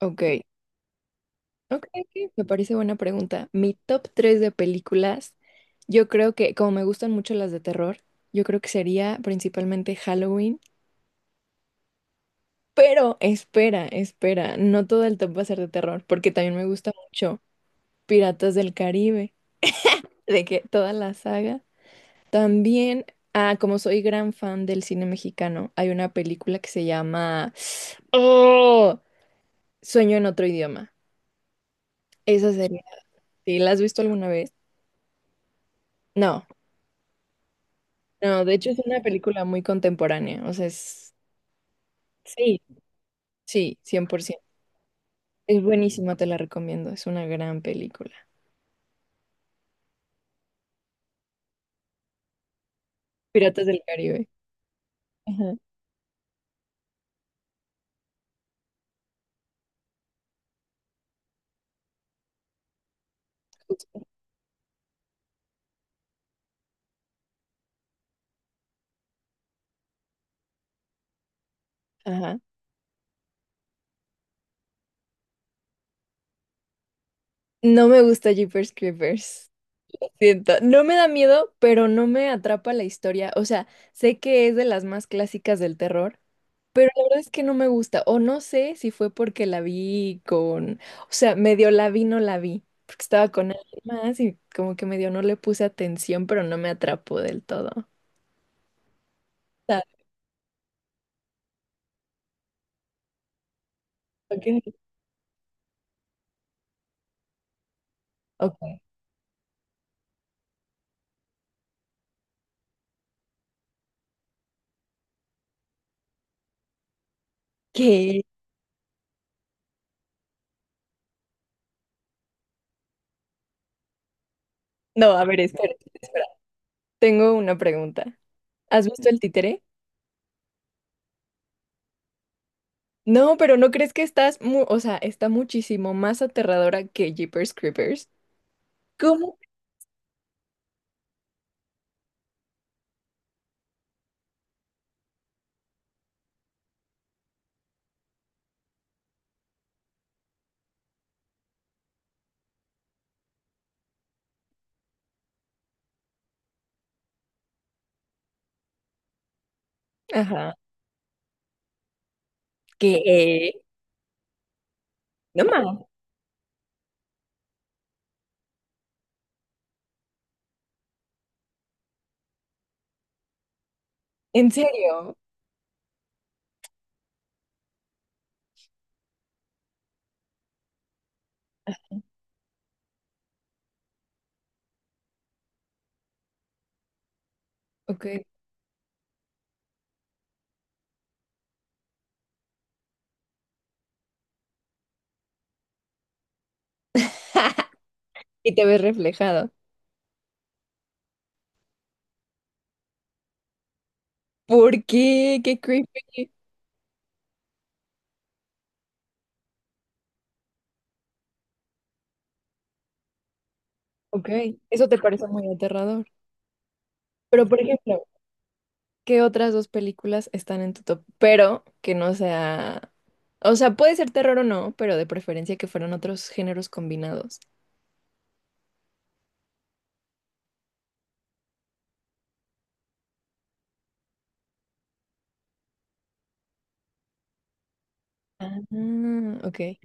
Ok, ok, ok, me parece buena pregunta. Mi top tres de películas, yo creo que, como me gustan mucho las de terror, yo creo que sería principalmente Halloween. Pero espera, espera, no todo el top va a ser de terror, porque también me gusta mucho Piratas del Caribe, de que toda la saga. También, como soy gran fan del cine mexicano, hay una película que se llama Oh, Sueño en otro idioma. Esa sería. ¿Sí? ¿La has visto alguna vez? No, no, de hecho es una película muy contemporánea, o sea, es... Sí, sí, 100%. Es buenísima, te la recomiendo, es una gran película. Piratas del Caribe. Ajá. Justo. Ajá. No me gusta Jeepers Creepers. Siento, no me da miedo, pero no me atrapa la historia. O sea, sé que es de las más clásicas del terror. La verdad es que no me gusta, o no sé si fue porque la vi con, o sea, medio la vi, no la vi, porque estaba con alguien más y como que medio no le puse atención, pero no me atrapó del todo. ¿Sabes? Ok. Ok. ¿Qué? No, a ver, espera, espera. Tengo una pregunta. ¿Has visto el títere? No, pero ¿no crees que estás o sea, está muchísimo más aterradora que Jeepers Creepers? ¿Cómo Ajá. Que, no más, en serio. Ok. Y te ves reflejado. ¿Por qué? Qué creepy. Ok, eso te parece muy aterrador. Pero, por ejemplo, ¿qué otras dos películas están en tu top? Pero que no sea... O sea, puede ser terror o no, pero de preferencia que fueran otros géneros combinados. Ah, ok.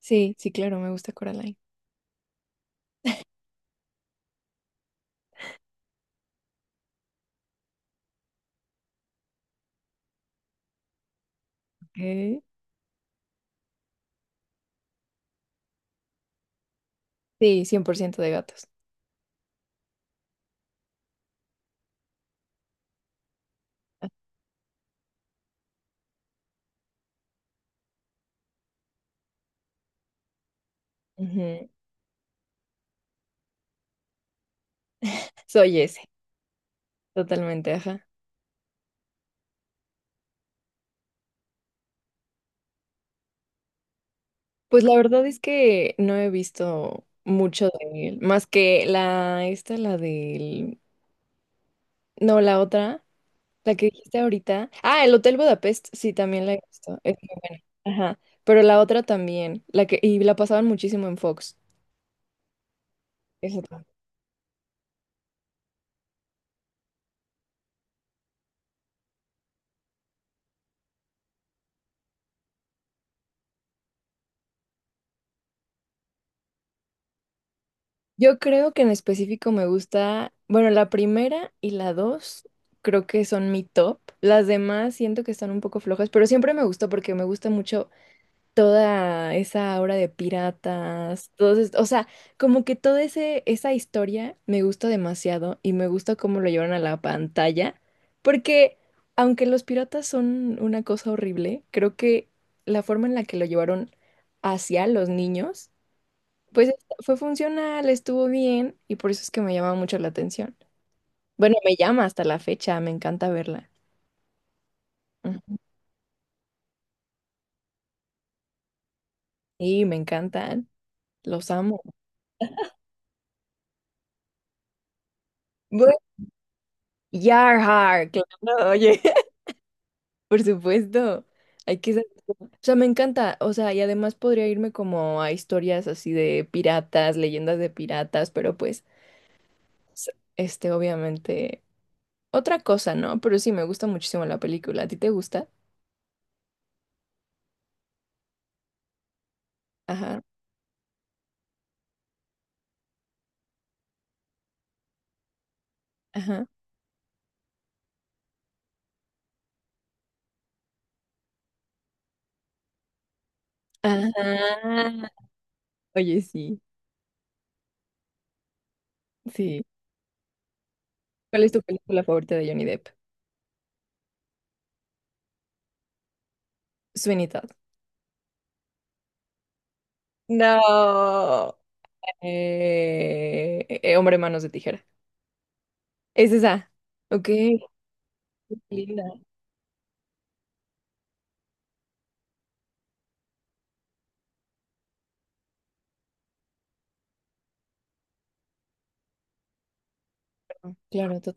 Sí, sí, claro, me gusta Coraline. Ok. Sí, 100% de gatos. Ujú. Soy ese, totalmente, ajá. Pues la verdad es que no he visto mucho de él, más que la, esta, la del, no, la otra, la que dijiste ahorita. Ah, el Hotel Budapest, sí, también la he visto, es muy buena. Ajá, pero la otra también, la que, y la pasaban muchísimo en Fox. Esa también. Yo creo que en específico me gusta, bueno, la primera y la dos creo que son mi top. Las demás siento que están un poco flojas, pero siempre me gustó porque me gusta mucho toda esa aura de piratas, todos, o sea, como que esa historia me gusta demasiado y me gusta cómo lo llevan a la pantalla, porque aunque los piratas son una cosa horrible, creo que la forma en la que lo llevaron hacia los niños, pues fue funcional, estuvo bien y por eso es que me llama mucho la atención. Bueno, me llama hasta la fecha, me encanta verla. Ujú. Sí, me encantan, los amo. Bueno, Yarhar, claro, oye. Por supuesto, hay que saber O sea, me encanta, o sea, y además podría irme como a historias así de piratas, leyendas de piratas, pero pues, este, obviamente, otra cosa, ¿no? Pero sí, me gusta muchísimo la película. ¿A ti te gusta? Ajá, ajá, ajá. Oye, sí, sí. ¿Cuál es tu película favorita de Johnny Depp? Sweeney Todd. No. Hombre, manos de tijera. Es esa. Ok, linda. Claro, total.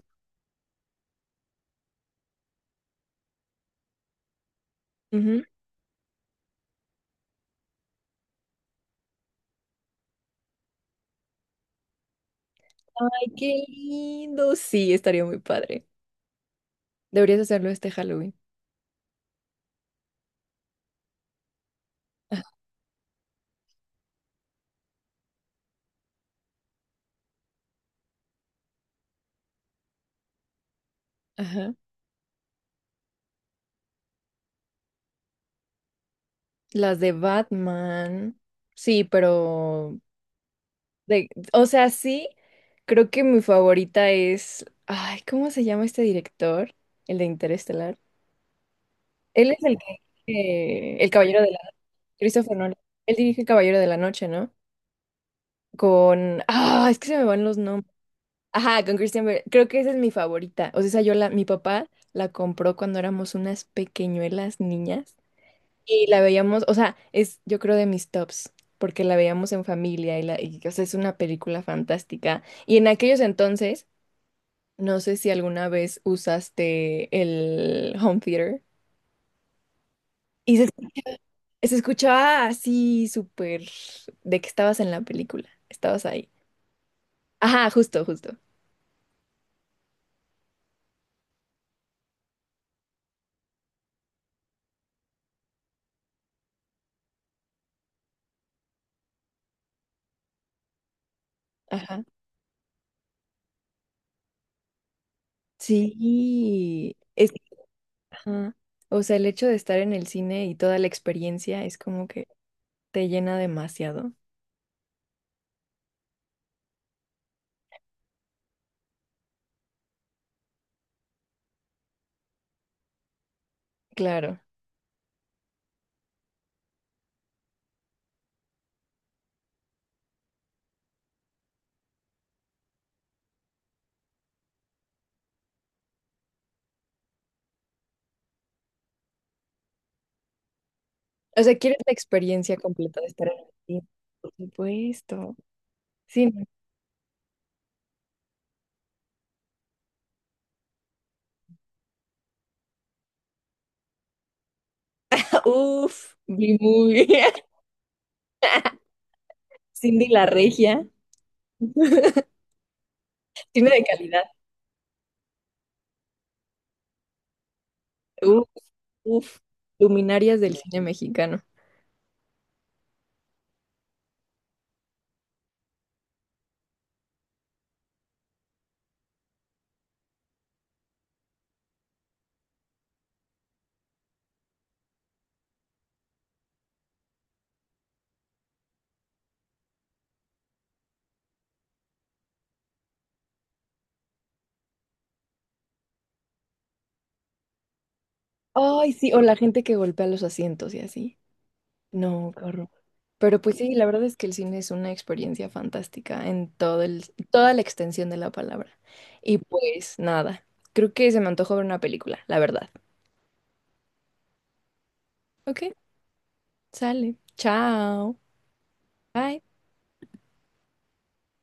Ay, qué lindo. Sí, estaría muy padre. Deberías hacerlo este Halloween. Ajá. Las de Batman. Sí, pero de, o sea, sí, creo que mi favorita es. Ay, ¿cómo se llama este director? El de Interestelar. Él es el que El Caballero de la Christopher Nolan. Él dirige El Caballero de la Noche, ¿no? Con. Ah, es que se me van los nombres. Ajá, con Christian Bale. Creo que esa es mi favorita. O sea, esa yo la, mi papá la compró cuando éramos unas pequeñuelas niñas y la veíamos, o sea, es yo creo de mis tops, porque la veíamos en familia y la, y, o sea, es una película fantástica. Y en aquellos entonces, no sé si alguna vez usaste el home theater y se escuchaba así súper de que estabas en la película, estabas ahí. Ajá, justo, justo. Ajá. Sí, Ajá. O sea, el hecho de estar en el cine y toda la experiencia es como que te llena demasiado. Claro. O sea, quieres la experiencia completa de estar en el cine. Por supuesto. Sí. No. Uf, vi muy Cindy la Regia. Cine de calidad. Uf, uf. Luminarias del cine mexicano. Ay, sí, o la gente que golpea los asientos y así. No, qué horror. Pero pues sí, la verdad es que el cine es una experiencia fantástica en todo el, toda la extensión de la palabra. Y pues nada, creo que se me antojó ver una película, la verdad. Ok, sale. Chao. Bye.